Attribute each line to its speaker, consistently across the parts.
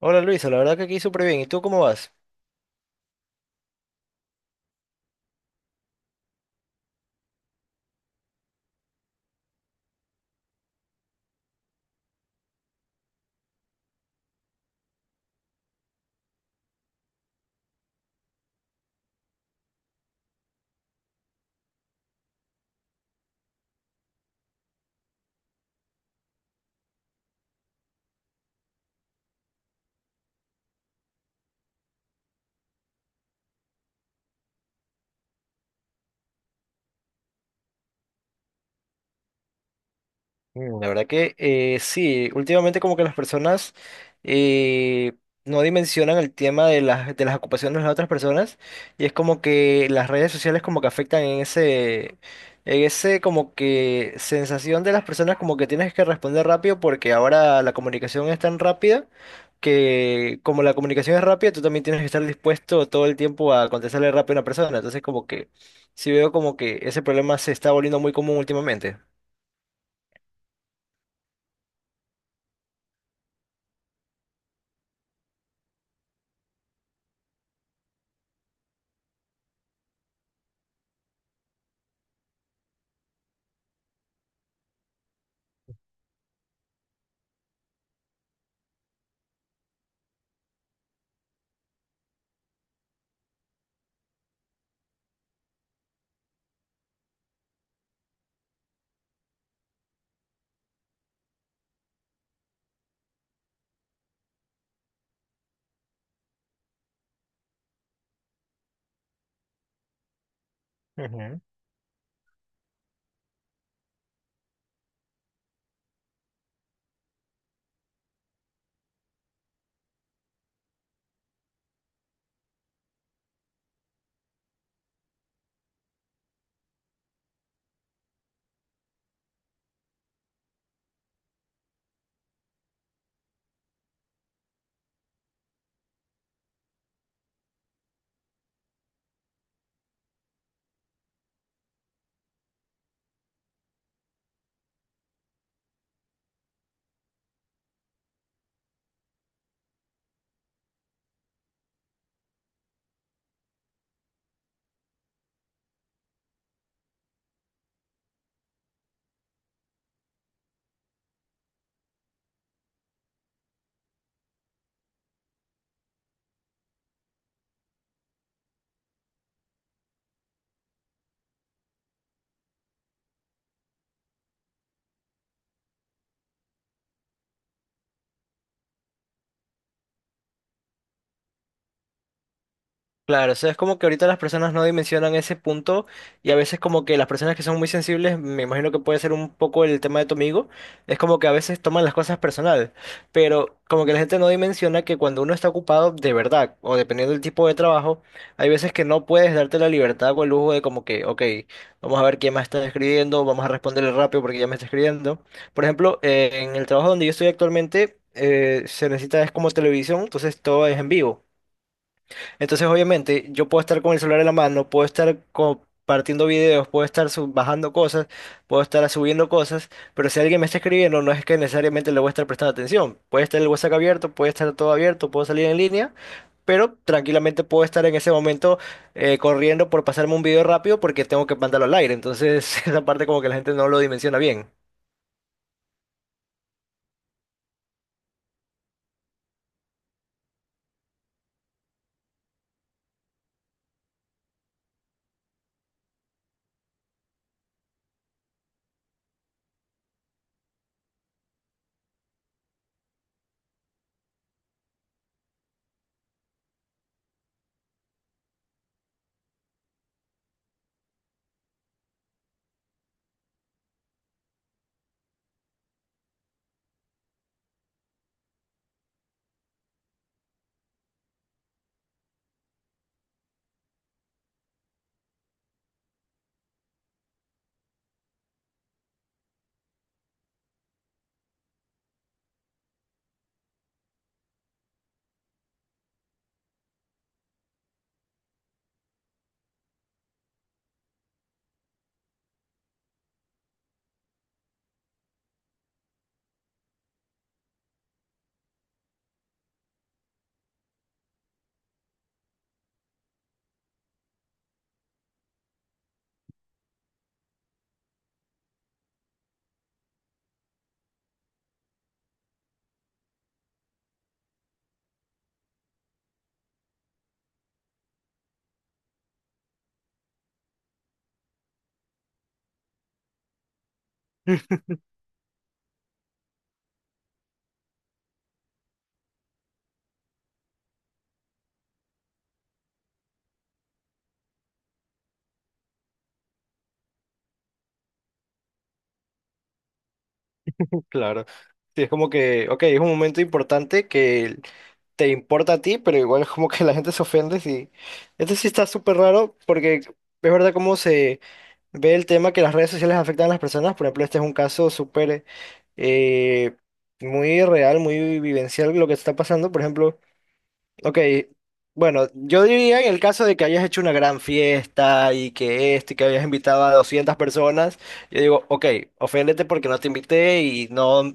Speaker 1: Hola Luisa, la verdad que aquí súper bien. ¿Y tú cómo vas? Mm, la verdad que sí, últimamente como que las personas eh, no dimensionan el tema de las ocupaciones de las otras personas y es como que las redes sociales como que afectan en ese como que sensación de las personas como que tienes que responder rápido porque ahora la comunicación es tan rápida que como la comunicación es rápida, tú también tienes que estar dispuesto todo el tiempo a contestarle rápido a una persona. Entonces como que sí veo como que ese problema se está volviendo muy común últimamente. Claro, o sea, es como que ahorita las personas no dimensionan ese punto, y a veces como que las personas que son muy sensibles, me imagino que puede ser un poco el tema de tu amigo, es como que a veces toman las cosas personal, pero como que la gente no dimensiona que cuando uno está ocupado de verdad o dependiendo del tipo de trabajo, hay veces que no puedes darte la libertad o el lujo de como que, ok, vamos a ver quién más está escribiendo, vamos a responderle rápido porque ya me está escribiendo. Por ejemplo, en el trabajo donde yo estoy actualmente, se necesita es como televisión, entonces todo es en vivo. Entonces, obviamente, yo puedo estar con el celular en la mano, puedo estar compartiendo videos, puedo estar bajando cosas, puedo estar subiendo cosas, pero si alguien me está escribiendo, no es que necesariamente le voy a estar prestando atención. Puede estar el WhatsApp abierto, puede estar todo abierto, puedo salir en línea, pero tranquilamente puedo estar en ese momento corriendo por pasarme un video rápido porque tengo que mandarlo al aire. Entonces, esa parte como que la gente no lo dimensiona bien. Claro. Sí, es como que, ok, es un momento importante que te importa a ti, pero igual como que la gente se ofende. Sí. Esto sí está súper raro porque es verdad cómo se ve el tema que las redes sociales afectan a las personas. Por ejemplo, este es un caso súper eh, muy real, muy vivencial lo que está pasando. Por ejemplo, ok, bueno, yo diría en el caso de que hayas hecho una gran fiesta y que esto y que hayas invitado a 200 personas, yo digo, ok, oféndete porque no te invité y no,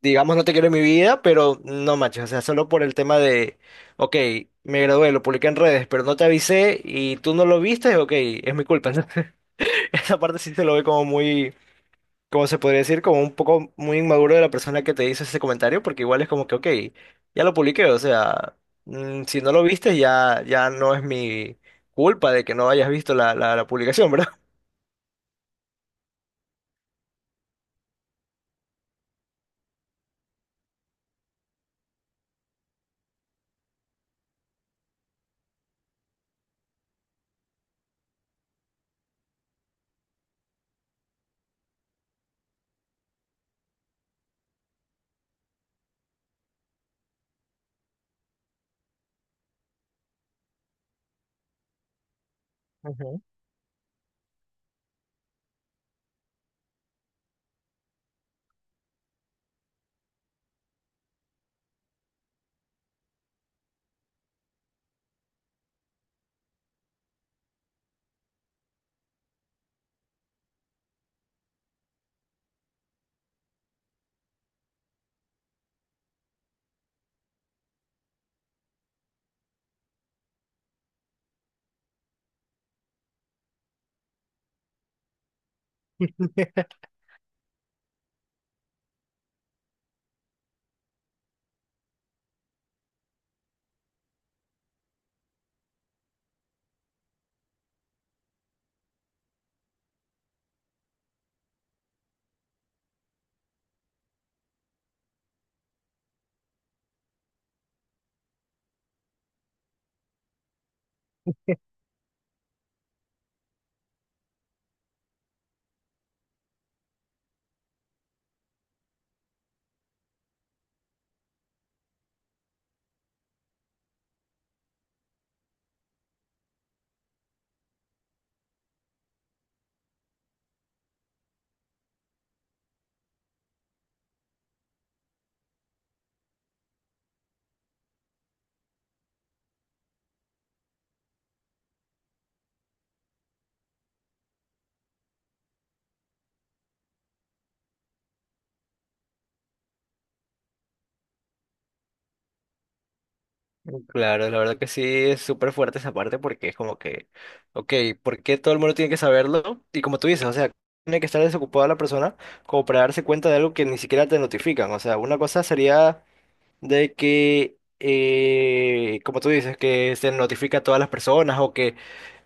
Speaker 1: digamos, no te quiero en mi vida, pero no manches, o sea, solo por el tema de, ok, me gradué, lo publiqué en redes, pero no te avisé y tú no lo viste, ok, es mi culpa, ¿no? Esa parte sí se lo ve como muy, como se podría decir, como un poco muy inmaduro de la persona que te hizo ese comentario, porque igual es como que, ok, ya lo publiqué, o sea, mm, si no lo viste, ya, ya no es mi culpa de que no hayas visto la publicación, ¿verdad? Ujú. Claro, la verdad que sí es súper fuerte esa parte porque es como que, ok, ¿por qué todo el mundo tiene que saberlo? Y como tú dices, o sea, tiene que estar desocupada la persona como para darse cuenta de algo que ni siquiera te notifican. O sea, una cosa sería de que, como tú dices, que se notifica a todas las personas o que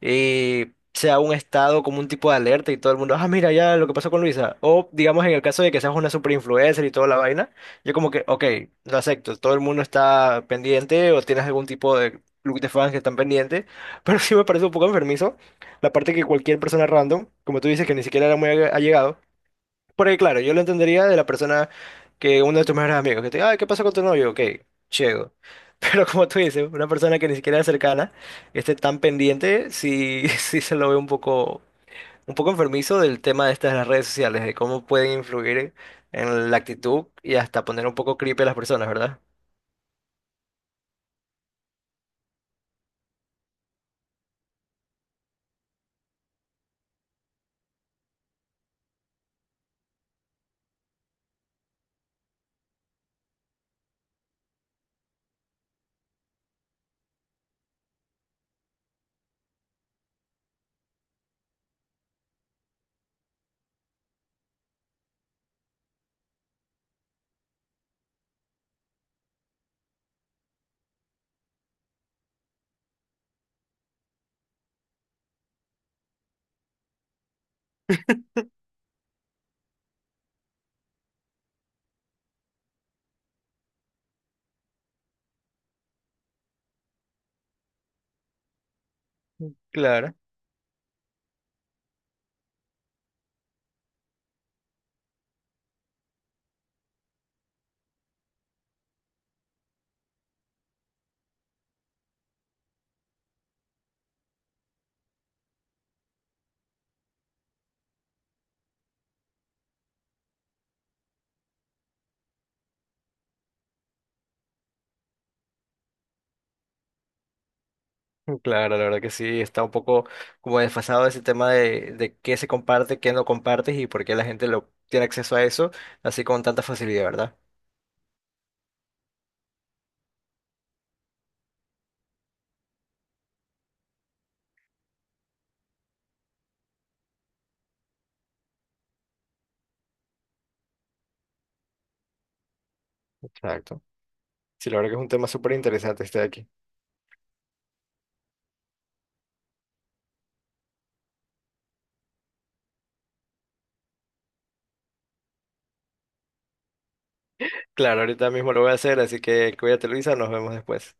Speaker 1: sea un estado como un tipo de alerta y todo el mundo, ah, mira ya lo que pasó con Luisa. O digamos en el caso de que seas una super influencer y toda la vaina, yo como que, ok, lo acepto, todo el mundo está pendiente o tienes algún tipo de club de fans que están pendientes, pero sí me parece un poco enfermizo la parte que cualquier persona random, como tú dices, que ni siquiera era muy allegado, porque claro, yo lo entendería de la persona que uno de tus mejores amigos, que te diga, "Ay, ¿qué pasa con tu novio?". Ok, ciego. Pero como tú dices, una persona que ni siquiera es cercana, esté tan pendiente, sí, sí se lo ve un poco enfermizo del tema de estas de las redes sociales, de cómo pueden influir en la actitud y hasta poner un poco creepy a las personas, ¿verdad? Claro. Claro, la verdad que sí, está un poco como desfasado ese tema de qué se comparte, qué no compartes y por qué la gente lo tiene acceso a eso así con tanta facilidad, ¿verdad? Exacto. Sí, la verdad que es un tema súper interesante este de aquí. Claro, ahorita mismo lo voy a hacer, así que cuídate, Luisa, nos vemos después.